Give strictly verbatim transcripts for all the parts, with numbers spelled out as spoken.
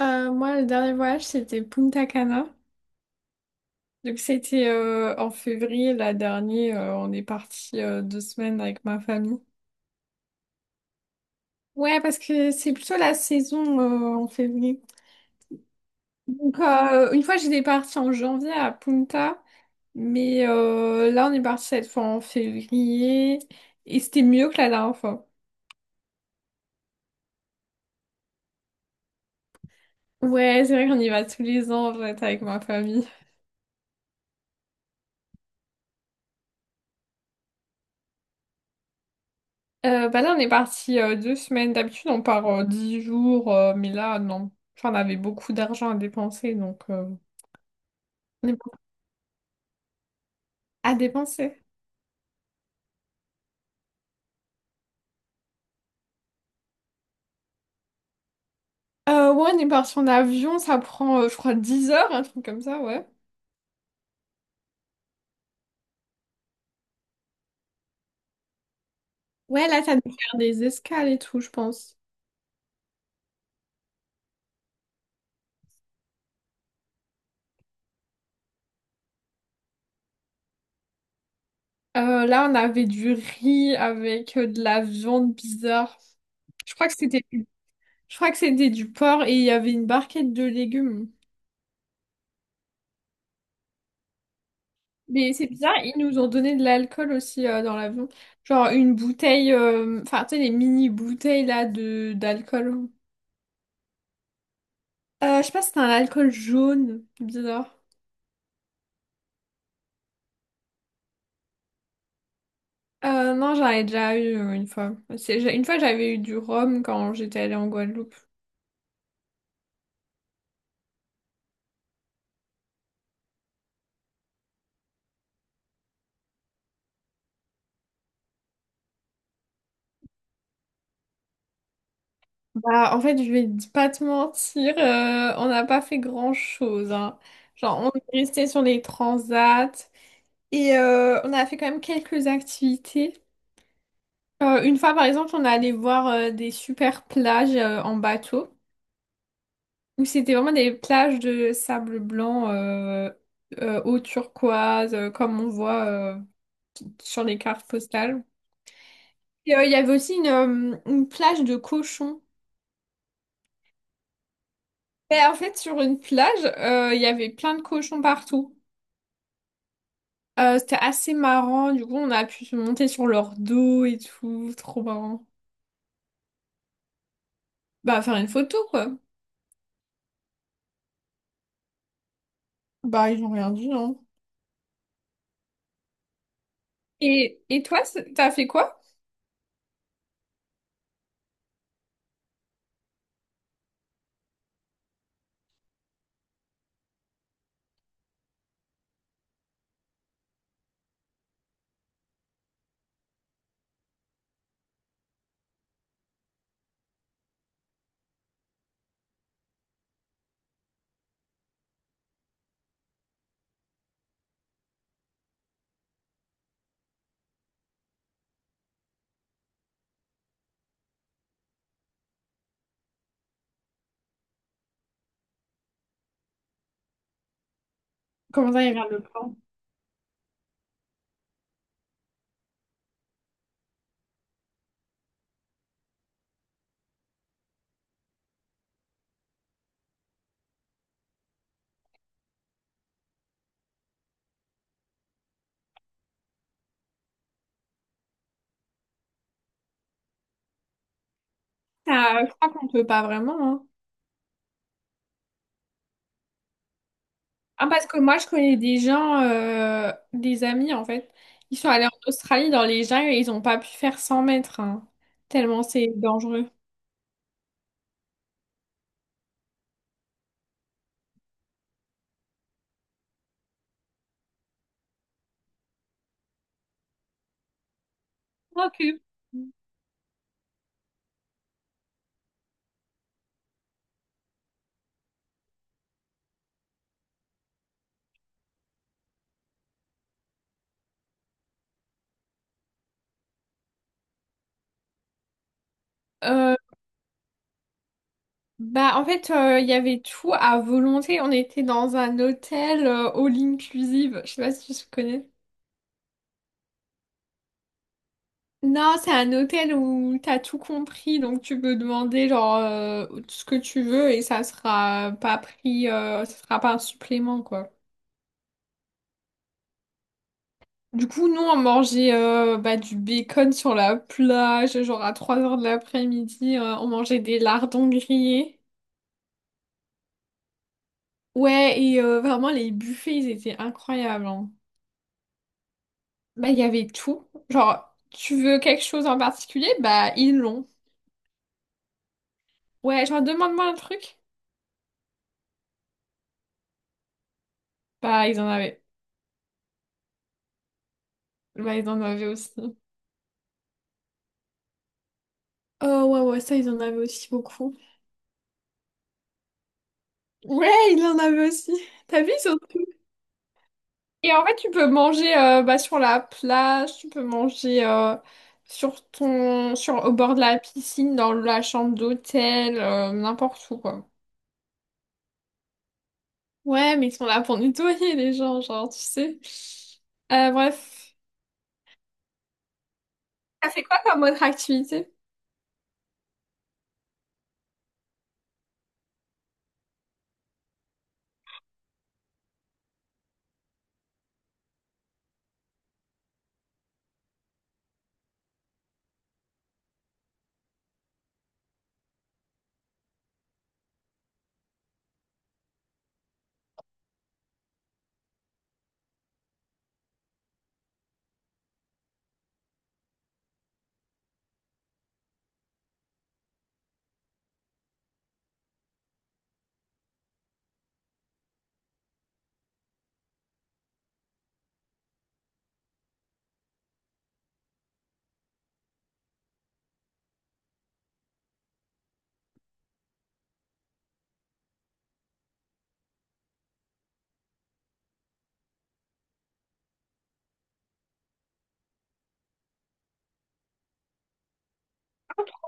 Euh, moi, le dernier voyage, c'était Punta Cana. Donc, c'était euh, en février, la dernière. Euh, on est parti euh, deux semaines avec ma famille. Ouais, parce que c'est plutôt la saison euh, en février. Donc, euh, une fois, j'étais partie en janvier à Punta. Mais euh, là, on est parti cette fois en février. Et c'était mieux que la dernière fois. Ouais, c'est vrai qu'on y va tous les ans, en fait, avec ma famille. Euh, bah là, on est parti euh, deux semaines. D'habitude, on part euh, dix jours, euh, mais là, non. Enfin, on avait beaucoup d'argent à dépenser, donc euh, on est parti- à dépenser. Euh, ouais, on est parti en avion, ça prend, euh, je crois, dix heures, un truc comme ça, ouais. Ouais, là, ça dû faire des escales et tout, je pense. Euh, là, on avait du riz avec euh, de la viande bizarre. Je crois que c'était, je crois que c'était du porc et il y avait une barquette de légumes. Mais c'est bizarre, ils nous ont donné de l'alcool aussi euh, dans l'avion. Genre une bouteille, euh, enfin tu sais, les mini bouteilles là de d'alcool. Euh, je sais pas si c'était un alcool jaune, bizarre. Euh, non, j'en ai déjà eu euh, une fois. C'est- j'ai- Une fois, j'avais eu du rhum quand j'étais allée en Guadeloupe. Bah, en fait, je vais pas te mentir, euh, on n'a pas fait grand-chose, hein. Genre, on est resté sur les transats et euh, on a fait quand même quelques activités. Euh, une fois, par exemple, on est allé voir euh, des super plages euh, en bateau, où c'était vraiment des plages de sable blanc, euh, euh, eau turquoise, euh, comme on voit euh, sur les cartes postales. Et, euh, Il y avait aussi une, euh, une plage de cochons. Et en fait, sur une plage, euh, il y avait plein de cochons partout. Euh, c'était assez marrant. Du coup, on a pu se monter sur leur dos et tout. Trop marrant. Bah, faire une photo, quoi. Bah, ils ont rien dit, hein. Et, et toi, c'est- t'as fait quoi? Comment ça, il regarde le plan? Ah, je crois qu'on peut pas vraiment, hein. Ah, parce que moi, je connais des gens, euh, des amis en fait. Ils sont allés en Australie dans les jungles et ils ont pas pu faire cent mètres, hein. Tellement c'est dangereux. Ok. Euh, Bah, en fait, euh, il y avait tout à volonté. On était dans un hôtel euh, all inclusive. Je sais pas si tu connais. Non, c'est un hôtel où t'as tout compris, donc tu peux demander genre euh, ce que tu veux et ça sera pas pris, euh, ça sera pas un supplément quoi. Du coup, nous on mangeait euh, bah, du bacon sur la plage, genre à trois heures de l'après-midi, euh, on mangeait des lardons grillés. Ouais, et euh, vraiment les buffets ils étaient incroyables, hein. Bah, il y avait tout. Genre, tu veux quelque chose en particulier? Bah, ils l'ont. Ouais, genre, demande-moi un truc. Bah, ils en avaient. Bah, ils en avaient aussi. Oh ouais, ouais, ça, ils en avaient aussi beaucoup. Ouais, ils en avaient aussi. T'as vu, surtout. Et en fait, tu peux manger euh, bah, sur la plage, tu peux manger euh, sur ton, sur, au bord de la piscine, dans la chambre d'hôtel, euh, n'importe où, quoi. Ouais, mais ils sont là pour nettoyer les gens, genre, tu sais. Euh, bref. T'as fait quoi comme autre activité?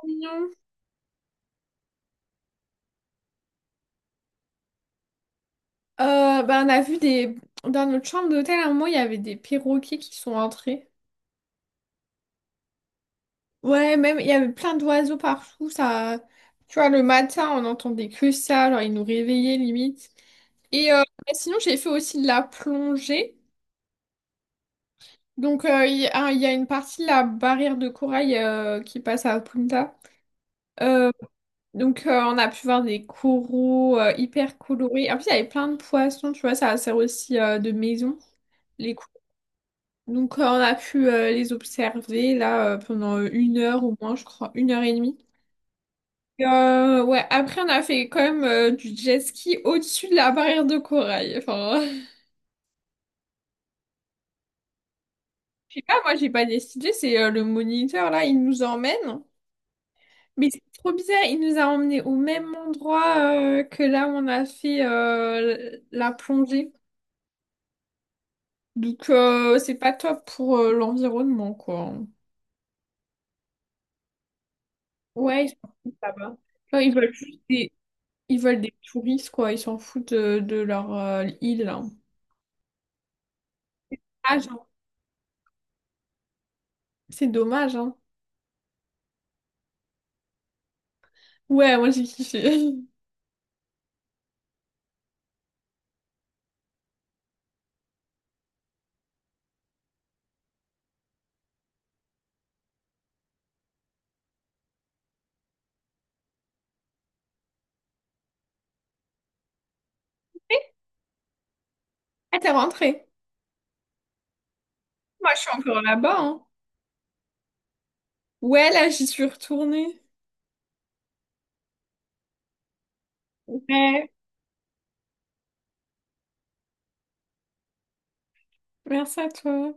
Mignon. Euh, bah, on a vu des... Dans notre chambre d'hôtel, à un moment, il y avait des perroquets qui sont entrés. Ouais, même, il y avait plein d'oiseaux partout. Ça... Tu vois, le matin, on entendait que ça. Genre, ils nous réveillaient, limite. Et euh, bah, sinon, j'ai fait aussi de la plongée. Donc, euh, il y a, il y a une partie de la barrière de corail euh, qui passe à Punta. Euh, donc, euh, on a pu voir des coraux euh, hyper colorés. En plus, il y avait plein de poissons, tu vois, ça sert aussi euh, de maison. Les Donc, euh, on a pu euh, les observer là euh, pendant euh, une heure au moins, je crois, une heure et demie. Et, euh, ouais, après, on a fait quand même euh, du jet ski au-dessus de la barrière de corail. Enfin, là, moi, j'ai pas décidé, c'est euh, le moniteur là, il nous emmène. Mais c'est trop bizarre, il nous a emmenés au même endroit euh, que là où on a fait euh, la plongée. Donc, euh, c'est pas top pour euh, l'environnement, quoi. Ouais, ils sont tous là-bas. Genre, ils veulent juste des- ils veulent des touristes, quoi. Ils s'en foutent de, de leur euh, île, là. Ah, genre... C'est dommage, hein. Ouais, moi j'ai kiffé. Ah, t'es rentrée. Moi, je suis encore là-bas, hein. Ouais, là, j'y suis retournée. Ouais, merci à toi.